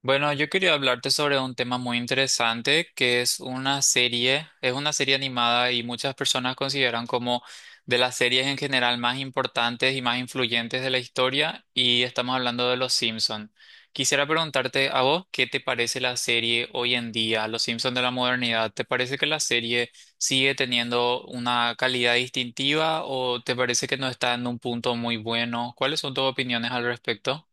Bueno, yo quería hablarte sobre un tema muy interesante que es una serie animada y muchas personas consideran como de las series en general más importantes y más influyentes de la historia y estamos hablando de Los Simpson. Quisiera preguntarte a vos, ¿qué te parece la serie hoy en día, Los Simpson de la modernidad? ¿Te parece que la serie sigue teniendo una calidad distintiva o te parece que no está en un punto muy bueno? ¿Cuáles son tus opiniones al respecto?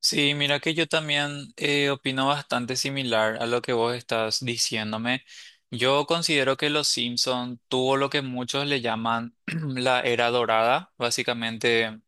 Sí, mira que yo también opino bastante similar a lo que vos estás diciéndome. Yo considero que Los Simpson tuvo lo que muchos le llaman la era dorada, básicamente.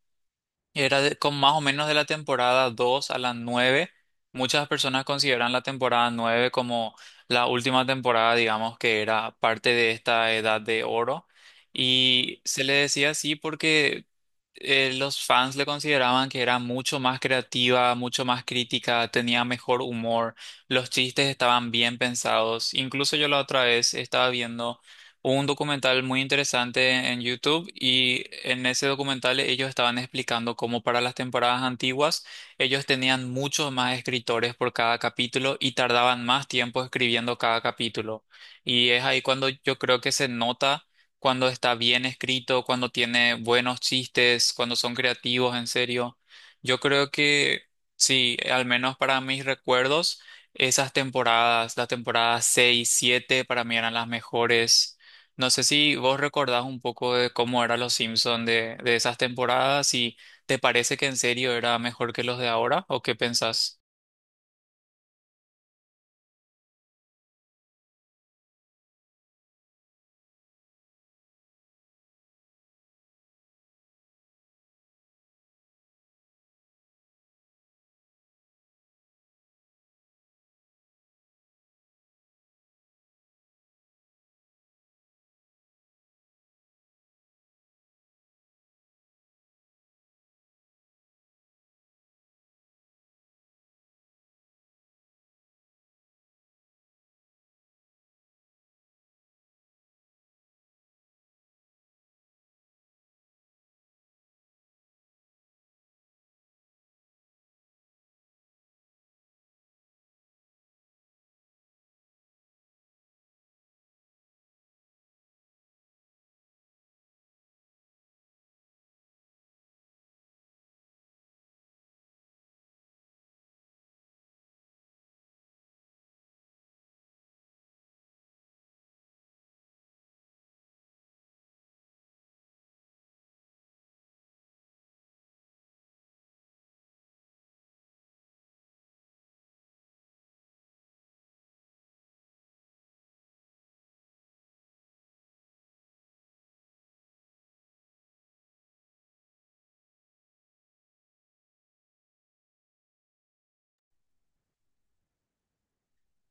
Con más o menos de la temporada 2 a la nueve. Muchas personas consideran la temporada 9 como la última temporada, digamos, que era parte de esta edad de oro. Y se le decía así porque los fans le consideraban que era mucho más creativa, mucho más crítica, tenía mejor humor, los chistes estaban bien pensados. Incluso yo la otra vez estaba viendo, hubo un documental muy interesante en YouTube y en ese documental ellos estaban explicando cómo para las temporadas antiguas ellos tenían muchos más escritores por cada capítulo y tardaban más tiempo escribiendo cada capítulo. Y es ahí cuando yo creo que se nota cuando está bien escrito, cuando tiene buenos chistes, cuando son creativos, en serio. Yo creo que sí, al menos para mis recuerdos. Esas temporadas, las temporadas 6 7 para mí eran las mejores. No sé si vos recordás un poco de cómo eran los Simpsons de esas temporadas, si te parece que en serio era mejor que los de ahora o qué pensás.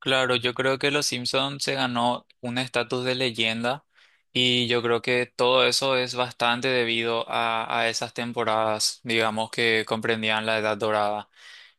Claro, yo creo que los Simpsons se ganó un estatus de leyenda y yo creo que todo eso es bastante debido a esas temporadas, digamos, que comprendían la Edad Dorada.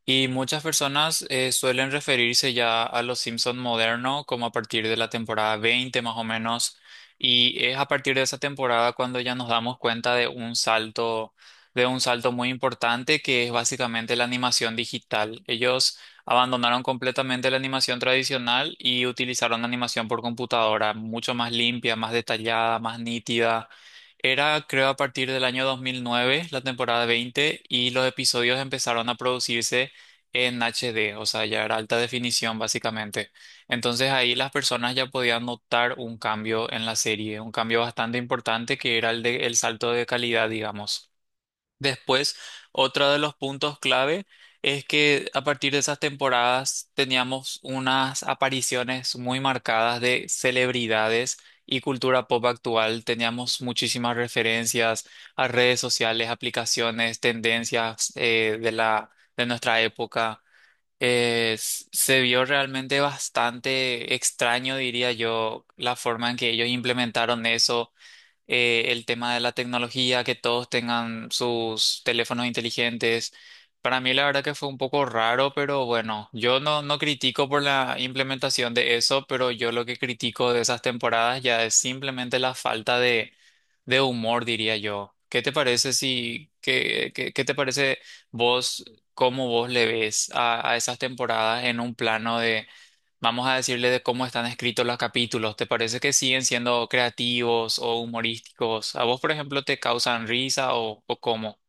Y muchas personas suelen referirse ya a los Simpson modernos como a partir de la temporada 20 más o menos. Y es a partir de esa temporada cuando ya nos damos cuenta de un salto muy importante que es básicamente la animación digital. Ellos abandonaron completamente la animación tradicional y utilizaron animación por computadora, mucho más limpia, más detallada, más nítida. Era, creo, a partir del año 2009 la temporada 20 y los episodios empezaron a producirse en HD, o sea, ya era alta definición básicamente. Entonces ahí las personas ya podían notar un cambio en la serie, un cambio bastante importante que era el salto de calidad, digamos. Después, otro de los puntos clave es que a partir de esas temporadas teníamos unas apariciones muy marcadas de celebridades y cultura pop actual. Teníamos muchísimas referencias a redes sociales, aplicaciones, tendencias de nuestra época. Se vio realmente bastante extraño, diría yo, la forma en que ellos implementaron eso, el tema de la tecnología, que todos tengan sus teléfonos inteligentes. Para mí la verdad que fue un poco raro, pero bueno, yo no critico por la implementación de eso, pero yo lo que critico de esas temporadas ya es simplemente la falta de humor, diría yo. ¿Qué te parece si, qué, qué, qué te parece vos, cómo vos le ves a esas temporadas en un plano de, vamos a decirle, de cómo están escritos los capítulos? ¿Te parece que siguen siendo creativos o humorísticos? ¿A vos, por ejemplo, te causan risa o cómo?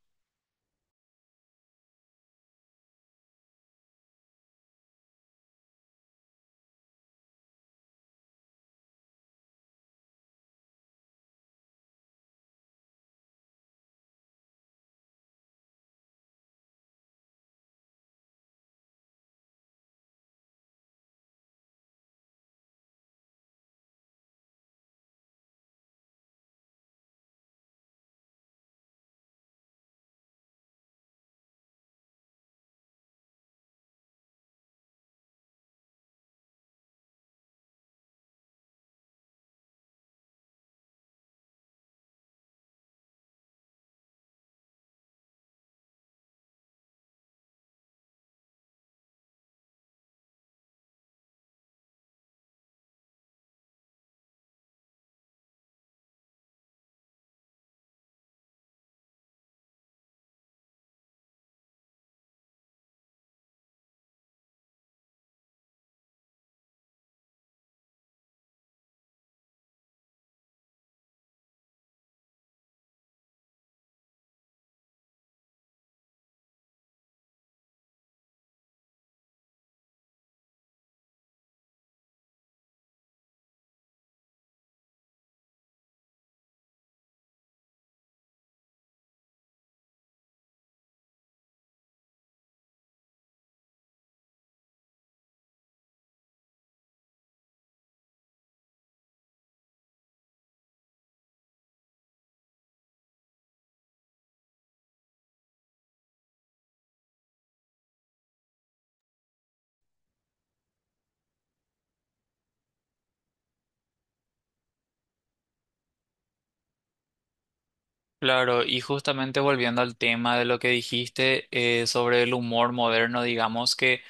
Claro, y justamente volviendo al tema de lo que dijiste sobre el humor moderno, digamos que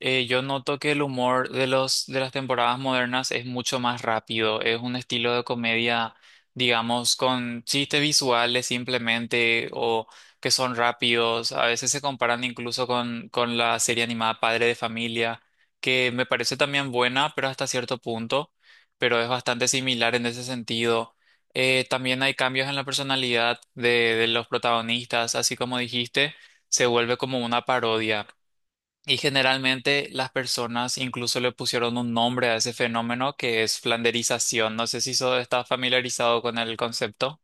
yo noto que el humor de las temporadas modernas es mucho más rápido. Es un estilo de comedia, digamos, con chistes visuales simplemente o que son rápidos. A veces se comparan incluso con la serie animada Padre de Familia, que me parece también buena, pero hasta cierto punto, pero es bastante similar en ese sentido. También hay cambios en la personalidad de los protagonistas, así como dijiste, se vuelve como una parodia. Y generalmente las personas incluso le pusieron un nombre a ese fenómeno que es flanderización. No sé si eso está familiarizado con el concepto.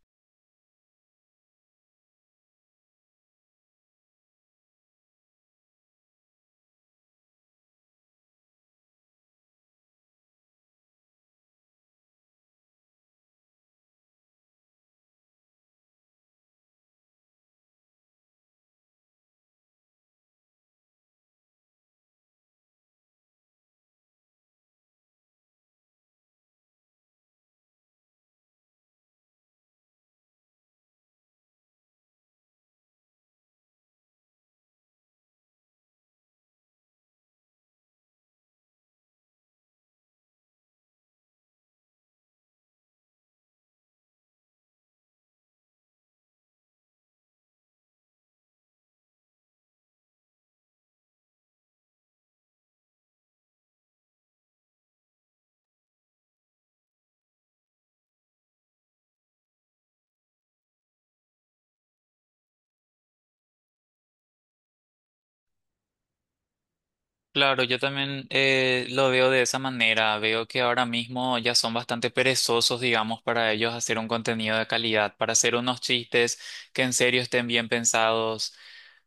Claro, yo también lo veo de esa manera. Veo que ahora mismo ya son bastante perezosos, digamos, para ellos hacer un contenido de calidad, para hacer unos chistes que en serio estén bien pensados.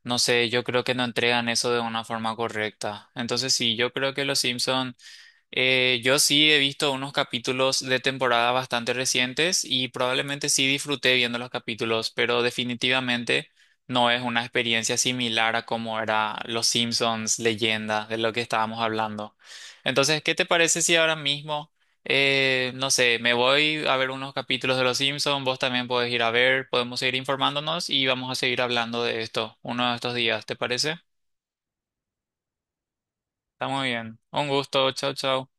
No sé, yo creo que no entregan eso de una forma correcta. Entonces sí, yo creo que los Simpson. Yo sí he visto unos capítulos de temporada bastante recientes y probablemente sí disfruté viendo los capítulos, pero definitivamente no es una experiencia similar a como era Los Simpsons, leyenda, de lo que estábamos hablando. Entonces, ¿qué te parece si ahora mismo, no sé, me voy a ver unos capítulos de Los Simpsons, vos también podés ir a ver, podemos seguir informándonos y vamos a seguir hablando de esto uno de estos días, ¿te parece? Está muy bien. Un gusto, chao, chao.